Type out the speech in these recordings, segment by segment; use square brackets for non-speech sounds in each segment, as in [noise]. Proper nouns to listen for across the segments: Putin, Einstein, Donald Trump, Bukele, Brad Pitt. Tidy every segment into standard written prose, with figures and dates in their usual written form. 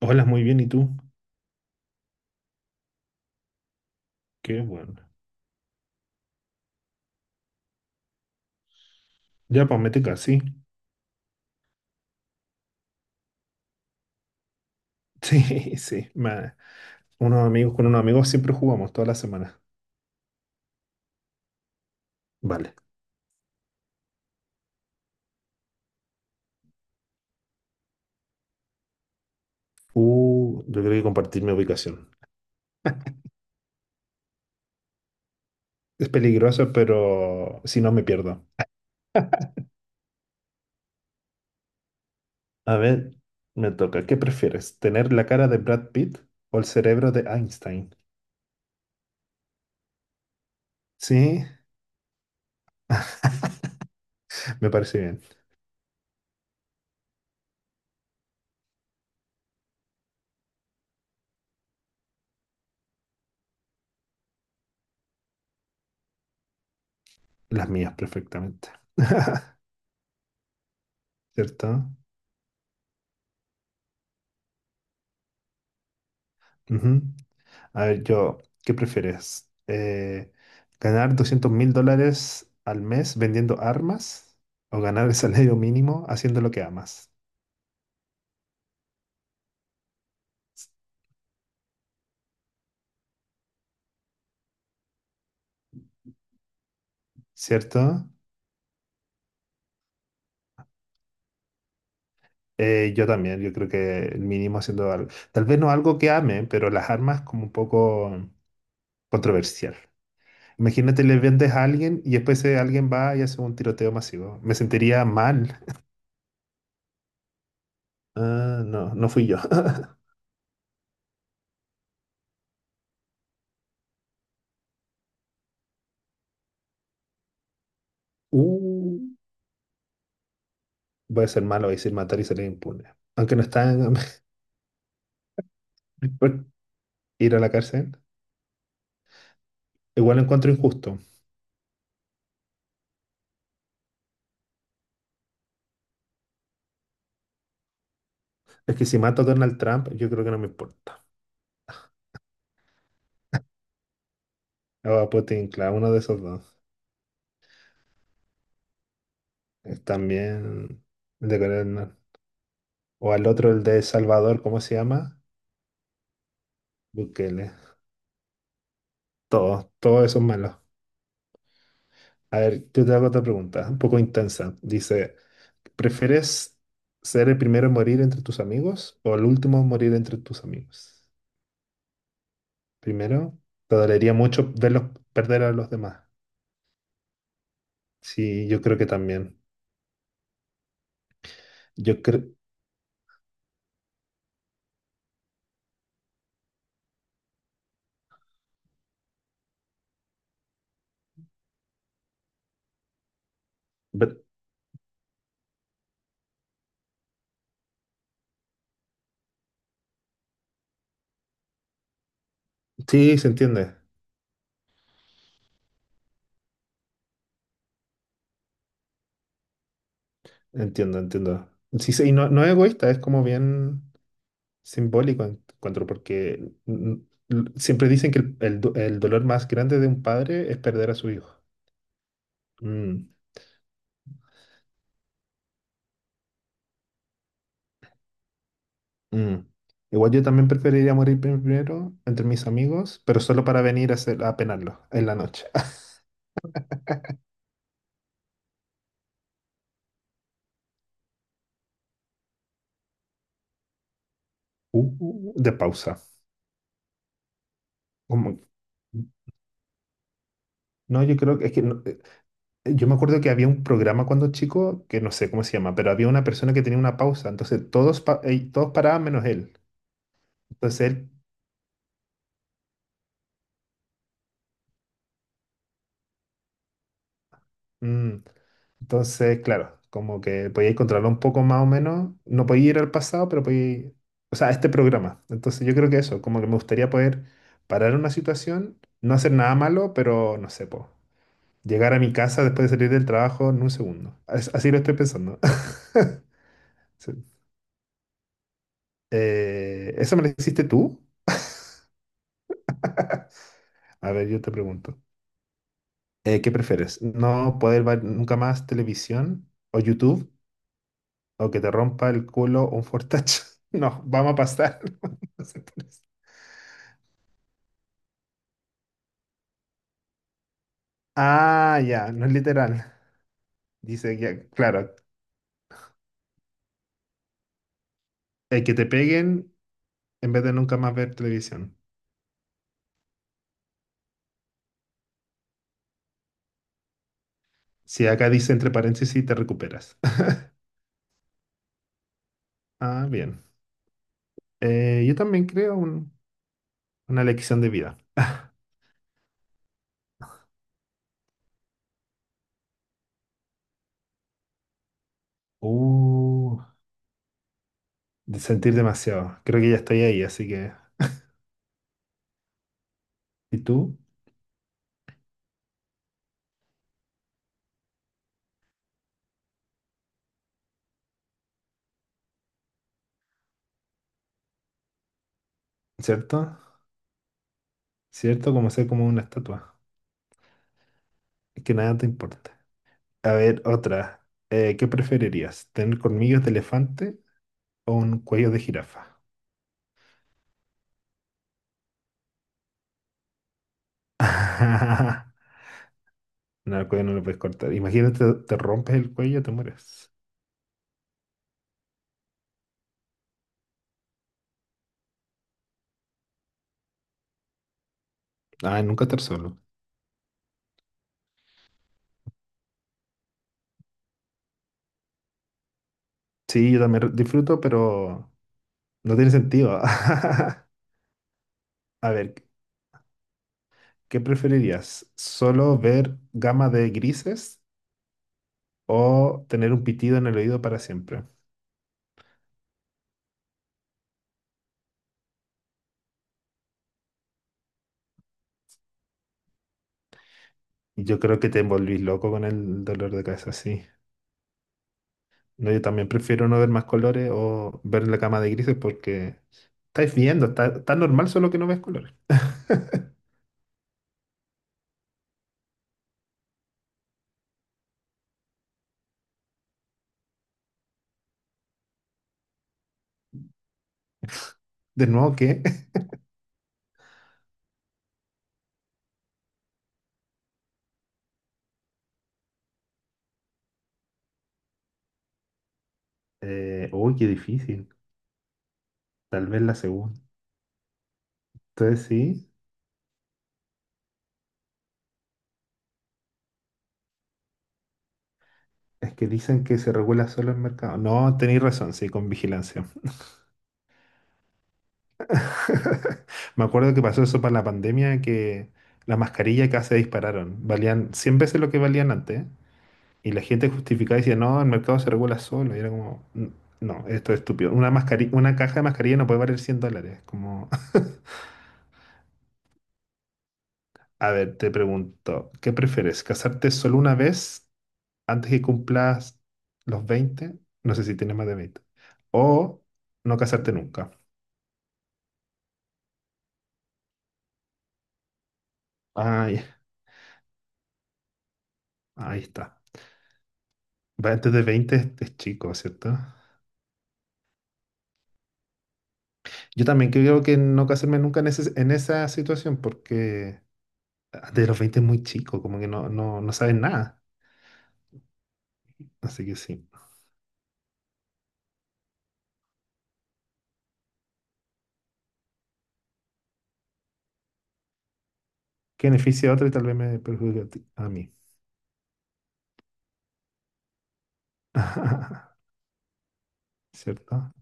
Hola, muy bien, ¿y tú? Qué bueno. Ya, pues mete sí. [laughs] Sí, sí. Unos amigos con unos amigos siempre jugamos toda la semana. Vale. Yo creo que compartir mi ubicación. Es peligroso, pero si no me pierdo. A ver, me toca. ¿Qué prefieres? ¿Tener la cara de Brad Pitt o el cerebro de Einstein? Sí, [laughs] me parece bien. Las mías perfectamente. [laughs] ¿Cierto? Ujú. A ver, yo, ¿qué prefieres? ¿Ganar 200.000 dólares al mes vendiendo armas o ganar el salario mínimo haciendo lo que amas? ¿Cierto? Yo también, yo creo que el mínimo haciendo algo, tal vez no algo que ame, pero las armas como un poco controversial. Imagínate, le vendes a alguien y después alguien va y hace un tiroteo masivo. Me sentiría mal. Ah, no, no fui yo. [laughs] Uh, Voy a ser malo, voy a decir matar y salir impune. Aunque no está... [laughs] Ir a la cárcel. Igual lo encuentro injusto. Es que si mato a Donald Trump, yo creo que no me importa. O a Putin, claro, uno de esos dos. Es también el de Corea del Norte. O al otro, el de El Salvador, ¿cómo se llama? Bukele. Todos, todos esos malos. A ver, yo te hago otra pregunta, un poco intensa. Dice, ¿prefieres ser el primero en morir entre tus amigos o el último en morir entre tus amigos? Primero, te dolería mucho verlos perder a los demás. Sí, yo creo que también. Yo creo... Sí, se entiende. Entiendo, entiendo. Sí, sí, y no, no es egoísta, es como bien simbólico, encuentro, porque siempre dicen que el dolor más grande de un padre es perder a su hijo. Mm, mm. Igual yo también preferiría morir primero entre mis amigos, pero solo para venir a penarlo en la noche. [laughs] De pausa. Como- no, yo creo que es que yo me acuerdo que había un programa cuando chico, que no sé cómo se llama, pero había una persona que tenía una pausa, entonces todos paraban menos él. Entonces él, mm, entonces claro, como que podía encontrarlo un poco más o menos, no podía ir al pasado, pero podía ir, o sea, a este programa. Entonces yo creo que eso, como que me gustaría poder parar una situación, no hacer nada malo, pero no sé, llegar a mi casa después de salir del trabajo en un segundo. Así lo estoy pensando. [laughs] Sí. ¿Eso me lo hiciste tú? A ver, yo te pregunto. ¿Qué prefieres? ¿No poder ver nunca más televisión o YouTube o que te rompa el culo un fortach? [laughs] No, vamos a pasar. [laughs] No sé por... Ah, ya, no es literal. Dice, ya, claro, que te peguen en vez de nunca más ver televisión. Si acá dice entre paréntesis, te recuperas. [laughs] Ah, bien. Yo también creo una lección de vida. Uh, de sentir demasiado. Creo que ya estoy ahí, así que... ¿Y tú? ¿Cierto? ¿Cierto? Como ser como una estatua. Que nada te importa. A ver, otra. ¿Qué preferirías? ¿Tener colmillos de elefante o un cuello de jirafa? [laughs] No, el cuello no lo puedes cortar. Imagínate, te rompes el cuello, te mueres. Ah, nunca estar solo. Sí, yo también disfruto, pero no tiene sentido. [laughs] A ver, ¿qué preferirías? ¿Solo ver gama de grises o tener un pitido en el oído para siempre? Yo creo que te envolvís loco con el dolor de cabeza, sí. No, yo también prefiero no ver más colores o ver la cama de grises porque estáis viendo, está normal solo que no ves colores. [laughs] De nuevo, ¿qué? Uy, qué difícil. Tal vez la segunda. Entonces sí, es que dicen que se regula solo el mercado. No, tenéis razón, sí, con vigilancia. [laughs] Me acuerdo que pasó eso para la pandemia, que las mascarillas casi se dispararon. Valían 100 veces lo que valían antes. Y la gente justificaba y decía, no, el mercado se regula solo. Y era como, No, esto es estúpido. Una caja de mascarilla no puede valer 100 dólares". Como, [laughs] a ver, te pregunto, ¿qué prefieres? ¿Casarte solo una vez antes que cumplas los 20? No sé si tienes más de 20. ¿O no casarte nunca? Ay, ahí está. Va, antes de 20 es chico, ¿cierto? Yo también creo que no casarme nunca en esa situación porque antes de los 20 es muy chico, como que no, no, no sabes nada. Así que sí. Que beneficia a otro y tal vez me perjudique a mí. [laughs] ¿Cierto?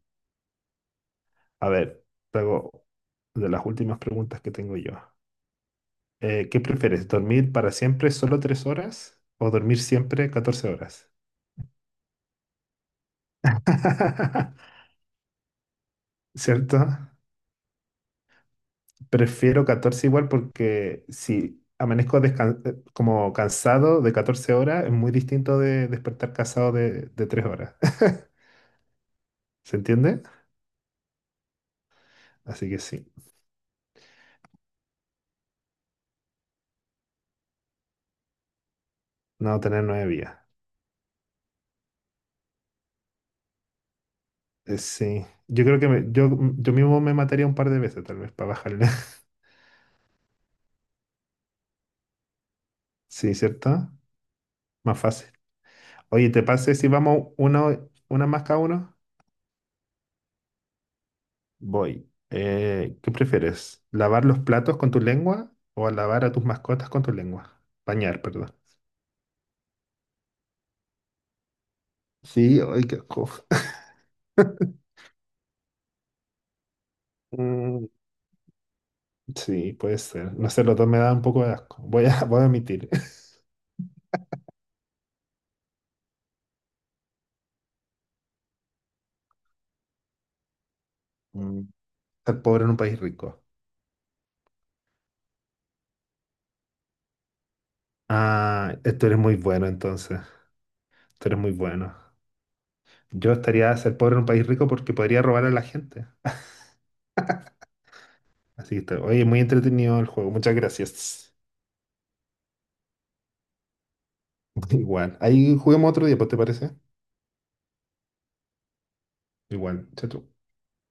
A ver, te hago de las últimas preguntas que tengo yo. ¿Qué prefieres? ¿Dormir para siempre solo 3 horas o dormir siempre 14 horas? [laughs] ¿Cierto? Prefiero 14 igual porque si amanezco como cansado de 14 horas, es muy distinto de despertar cansado de 3 horas. [laughs] ¿Se entiende? Así que sí, no tener nueve vías. Sí, yo creo que yo mismo me mataría un par de veces tal vez para bajarle. [laughs] Sí, ¿cierto? Más fácil. Oye, ¿te parece si vamos una más cada uno? Voy. ¿Qué prefieres? ¿Lavar los platos con tu lengua o lavar a tus mascotas con tu lengua? Bañar, perdón. Sí, ay, qué asco. [laughs] Mm, sí, puede ser. No sé, los dos me dan un poco de asco. Voy a, [laughs] voy a admitir. [laughs] Mm, estar pobre en un país rico. Ah, tú eres muy bueno entonces. Tú eres muy bueno. Yo estaría a ser pobre en un país rico porque podría robar a la gente. Así que, oye, muy entretenido el juego. Muchas gracias. [laughs] Igual. Ahí juguemos otro día, pues, ¿te parece? Igual. Chao, chao.